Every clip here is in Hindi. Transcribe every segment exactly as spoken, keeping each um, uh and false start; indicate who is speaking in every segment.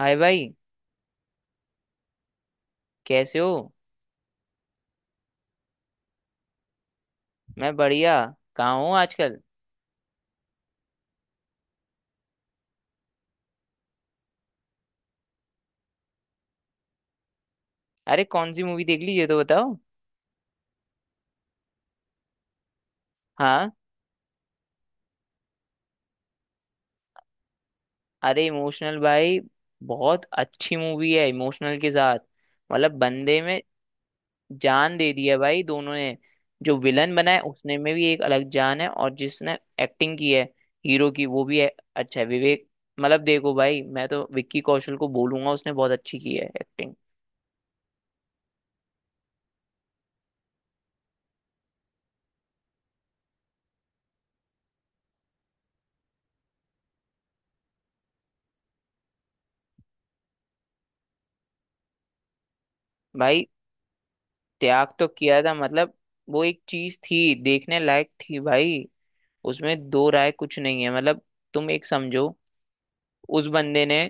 Speaker 1: हाय भाई। कैसे हो। मैं बढ़िया। कहाँ हूँ आजकल। अरे कौन सी मूवी देख ली ये तो बताओ। हाँ। अरे इमोशनल भाई, बहुत अच्छी मूवी है इमोशनल के साथ। मतलब बंदे में जान दे दी है भाई, दोनों ने। जो विलन बना है उसने में भी एक अलग जान है, और जिसने एक्टिंग की है हीरो की वो भी है। अच्छा है विवेक। मतलब देखो भाई, मैं तो विक्की कौशल को बोलूंगा, उसने बहुत अच्छी की है एक्टिंग। भाई त्याग तो किया था, मतलब वो एक चीज थी देखने लायक थी भाई। उसमें दो राय कुछ नहीं है। मतलब तुम एक समझो, उस बंदे ने,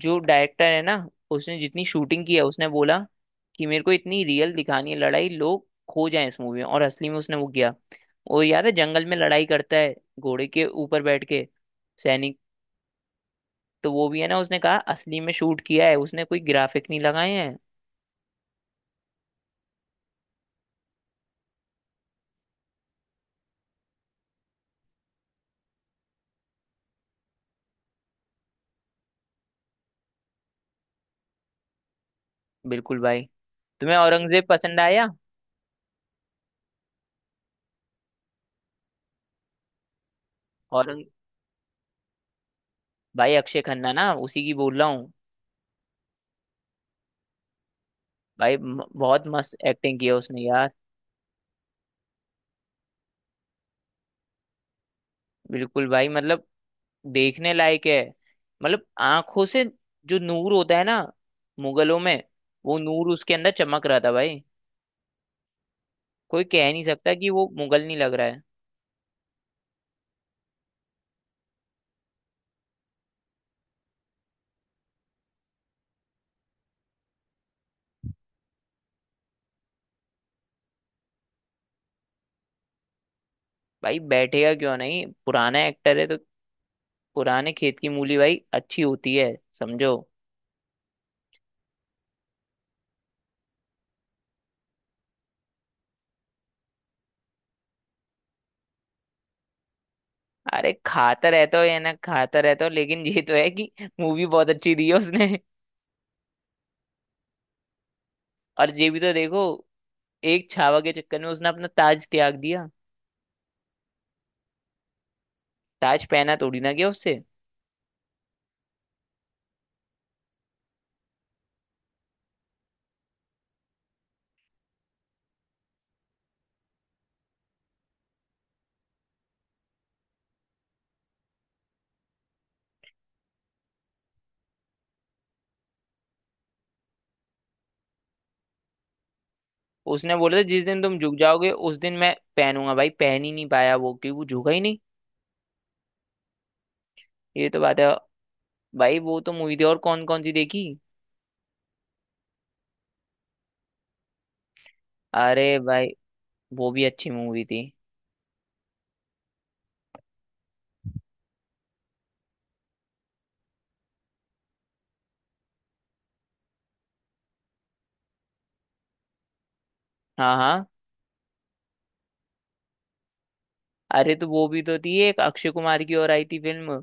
Speaker 1: जो डायरेक्टर है ना, उसने जितनी शूटिंग की है उसने बोला कि मेरे को इतनी रियल दिखानी है लड़ाई, लोग खो जाएं इस मूवी में, और असली में उसने वो किया। वो याद है जंगल में लड़ाई करता है घोड़े के ऊपर बैठ के सैनिक, तो वो भी है ना, उसने कहा असली में शूट किया है, उसने कोई ग्राफिक नहीं लगाए हैं। बिल्कुल भाई। तुम्हें औरंगजेब पसंद आया? औरंग, भाई अक्षय खन्ना ना, उसी की बोल रहा हूँ। भाई म- बहुत मस्त एक्टिंग की है उसने यार। बिल्कुल भाई, मतलब देखने लायक है। मतलब आंखों से जो नूर होता है ना मुगलों में, वो नूर उसके अंदर चमक रहा था भाई। कोई कह नहीं सकता कि वो मुगल नहीं लग रहा है। भाई बैठेगा क्यों नहीं, पुराना एक्टर है तो। पुराने खेत की मूली भाई अच्छी होती है, समझो। अरे खाता रहता हो या ना खाता रहता हो, लेकिन ये तो है कि मूवी बहुत अच्छी दी है उसने। और ये भी तो देखो, एक छावा के चक्कर में उसने अपना ताज त्याग दिया। ताज पहना थोड़ी ना गया उससे। उसने बोला था जिस दिन तुम झुक जाओगे उस दिन मैं पहनूंगा, भाई पहन ही नहीं पाया वो, क्योंकि वो झुका ही नहीं। ये तो बात है। भाई वो तो मूवी थी, और कौन कौन सी देखी? अरे भाई, वो भी अच्छी मूवी थी। हाँ हाँ। अरे तो वो भी तो थी, एक अक्षय कुमार की और आई थी फिल्म।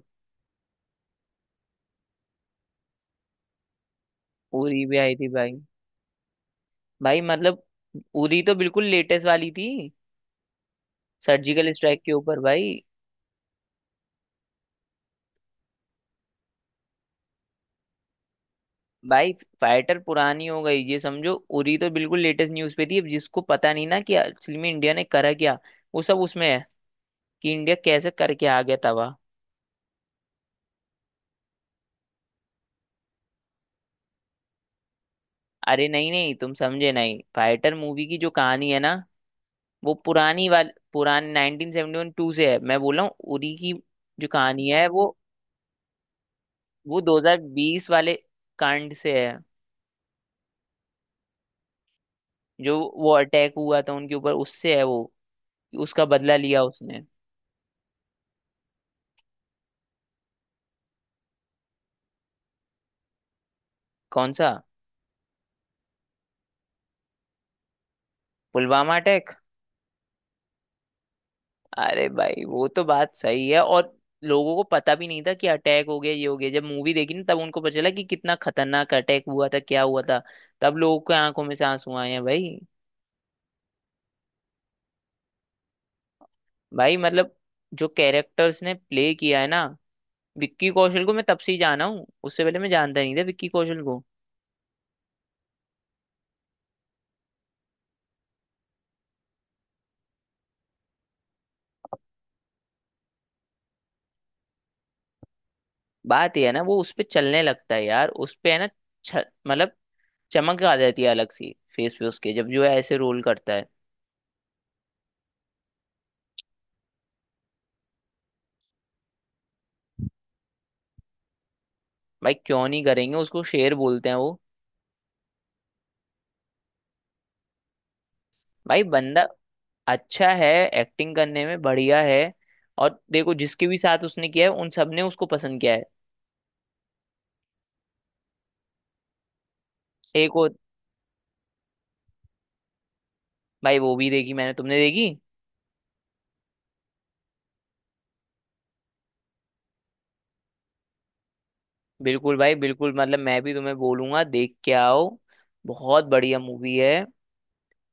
Speaker 1: उरी भी आई थी भाई। भाई मतलब उरी तो बिल्कुल लेटेस्ट वाली थी, सर्जिकल स्ट्राइक के ऊपर भाई। भाई फाइटर पुरानी हो गई ये समझो। उरी तो बिल्कुल लेटेस्ट न्यूज पे थी। अब जिसको पता नहीं ना कि असल में इंडिया ने करा क्या, वो सब उसमें है, कि इंडिया कैसे करके आ गया तवा। अरे नहीं नहीं, तुम समझे नहीं। फाइटर मूवी की जो कहानी है ना, वो पुरानी वाली, पुरानी नाइन्टीन सेवन्टी वन टू से है। मैं बोल रहा हूँ उरी की जो कहानी है वो वो दो हज़ार बीस वाले कांड से है। जो वो अटैक हुआ था उनके ऊपर, उससे है वो, कि उसका बदला लिया उसने। कौन सा? पुलवामा अटैक। अरे भाई वो तो बात सही है। और लोगों को पता भी नहीं था कि अटैक हो गया ये हो गया, जब मूवी देखी ना तब उनको पता चला कि कितना खतरनाक अटैक हुआ था, क्या हुआ था। तब लोगों के आंखों में से आंसू आए हैं भाई। भाई मतलब, जो कैरेक्टर्स ने प्ले किया है ना, विक्की कौशल को मैं तब से ही जाना हूँ। उससे पहले मैं जानता नहीं था विक्की कौशल को। बात ये है ना, वो उस पे चलने लगता है यार, उस पे है ना। छ- मतलब चमक आ जाती है अलग सी फेस पे उसके, जब जो है ऐसे रोल करता है। भाई क्यों नहीं करेंगे, उसको शेर बोलते हैं वो। भाई बंदा अच्छा है, एक्टिंग करने में बढ़िया है। और देखो जिसके भी साथ उसने किया है, उन सब ने उसको पसंद किया है। एक और? भाई वो भी देखी मैंने, तुमने देखी? बिल्कुल भाई, बिल्कुल। मतलब मैं भी तुम्हें बोलूंगा देख के आओ, बहुत बढ़िया मूवी है।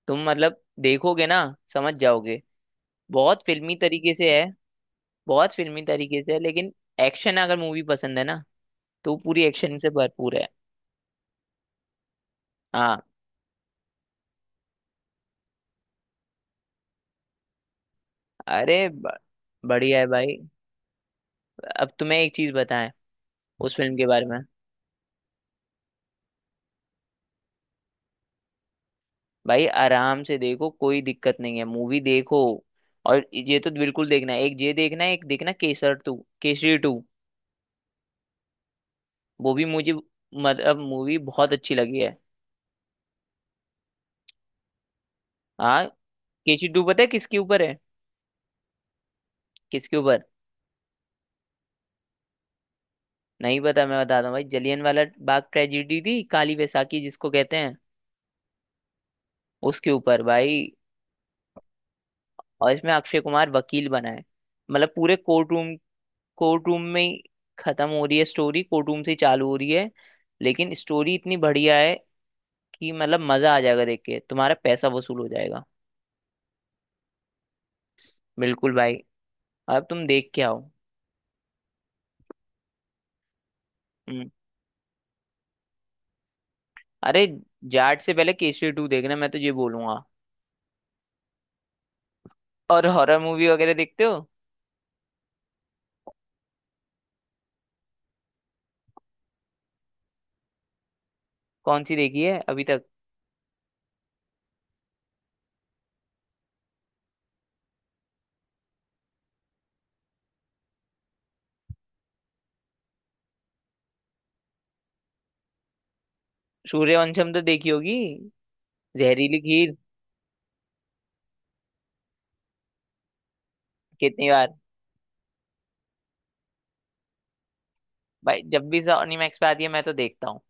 Speaker 1: तुम मतलब देखोगे ना, समझ जाओगे। बहुत फिल्मी तरीके से है। बहुत फिल्मी तरीके से है, लेकिन एक्शन अगर मूवी पसंद है ना, तो पूरी एक्शन से भरपूर है। हाँ। अरे ब- बढ़िया है भाई। अब तुम्हें एक चीज बताएं उस फिल्म के बारे में। भाई आराम से देखो, कोई दिक्कत नहीं है, मूवी देखो। और ये तो बिल्कुल देखना है, एक ये देखना है, एक देखना केसर टू केसरी टू। वो भी मुझे मतलब मूवी बहुत अच्छी लगी है। हाँ। केसरी टू पता है किसके ऊपर है? किसके ऊपर? नहीं पता, मैं बताता हूँ भाई, जलियन वाला बाग ट्रेजिडी थी, काली बैसाखी जिसको कहते हैं, उसके ऊपर भाई। और इसमें अक्षय कुमार वकील बना है। मतलब पूरे कोर्ट रूम, कोर्ट रूम में ही खत्म हो रही है स्टोरी, कोर्ट रूम से ही चालू हो रही है। लेकिन स्टोरी इतनी बढ़िया है कि मतलब मजा आ जाएगा देख के, तुम्हारा पैसा वसूल हो जाएगा। बिल्कुल भाई। अब तुम देख के आओ। हम्म। अरे जाट से पहले केसरी टू देखना, मैं तो ये बोलूंगा। और हॉरर मूवी वगैरह देखते हो? कौन सी देखी है अभी तक? सूर्यवंशम तो देखी होगी, जहरीली खीर। कितनी बार? भाई जब भी सोनी मैक्स पे आती है, मैं तो देखता हूँ।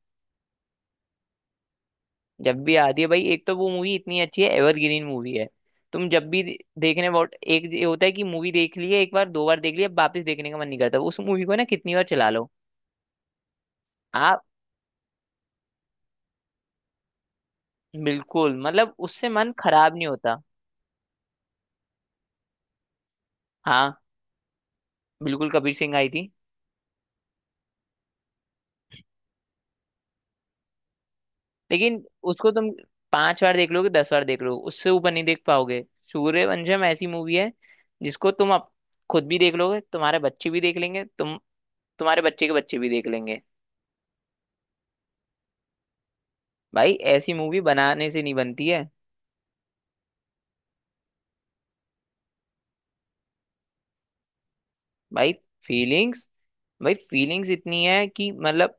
Speaker 1: जब भी आती है भाई। एक तो वो मूवी इतनी अच्छी है, एवरग्रीन मूवी है। तुम जब भी दे- देखने बहुत एक ये होता है कि मूवी देख ली है, एक बार दो बार देख ली है, वापस देखने का मन नहीं करता उस मूवी को ना, कितनी बार चला लो। बिल्कुल, मतलब उससे मन खराब नहीं होता। हाँ, बिल्कुल कबीर सिंह आई थी। लेकिन उसको तुम पांच बार देख लोगे, दस बार देख लोगे, उससे ऊपर नहीं देख पाओगे। सूर्यवंशम ऐसी मूवी है जिसको तुम अप, खुद भी देख लोगे, तुम्हारे बच्चे भी देख लेंगे, तुम तुम्हारे बच्चे के बच्चे भी देख लेंगे। भाई ऐसी मूवी बनाने से नहीं बनती है। भाई फीलिंग्स, भाई फीलिंग्स इतनी है कि मतलब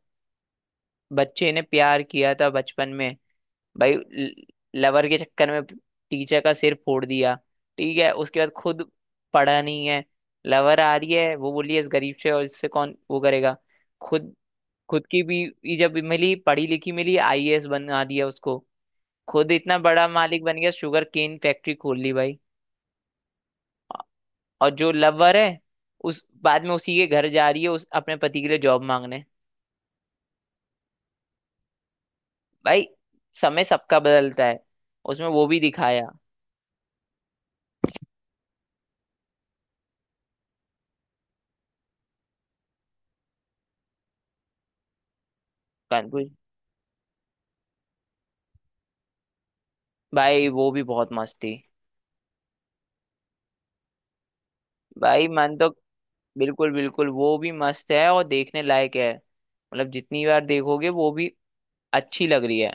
Speaker 1: बच्चे ने प्यार किया था बचपन में भाई, लवर के चक्कर में टीचर का सिर फोड़ दिया। ठीक है, उसके बाद खुद पढ़ा नहीं है। लवर आ रही है वो, बोली है, इस गरीब से और इससे कौन वो करेगा। खुद, खुद की भी जब मिली, पढ़ी लिखी मिली, आईएएस बना दिया उसको। खुद इतना बड़ा मालिक बन गया, शुगर केन फैक्ट्री खोल ली भाई। और जो लवर है, उस बाद में उसी के घर जा रही है, उस अपने पति के लिए जॉब मांगने। भाई समय सबका बदलता है, उसमें वो भी दिखाया। कानपुर? भाई वो भी बहुत मस्त थी। भाई मन तो। बिल्कुल बिल्कुल, वो भी मस्त है और देखने लायक है, मतलब जितनी बार देखोगे वो भी अच्छी लग रही है।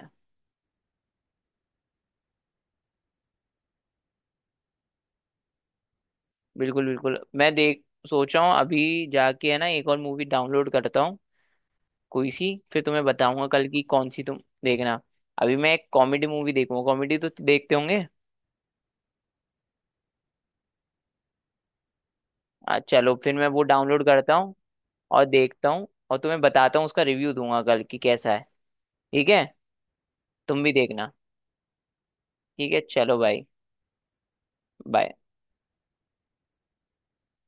Speaker 1: बिल्कुल बिल्कुल। मैं देख सोचा हूँ, अभी जाके है ना एक और मूवी डाउनलोड करता हूँ कोई सी, फिर तुम्हें बताऊंगा कल की कौन सी तुम देखना। अभी मैं एक कॉमेडी मूवी देखूंगा, कॉमेडी तो देखते होंगे। आ, चलो फिर मैं वो डाउनलोड करता हूँ और देखता हूँ, और तुम्हें बताता हूँ, उसका रिव्यू दूंगा कल की कैसा है। ठीक है, तुम भी देखना। ठीक है चलो भाई। बाय।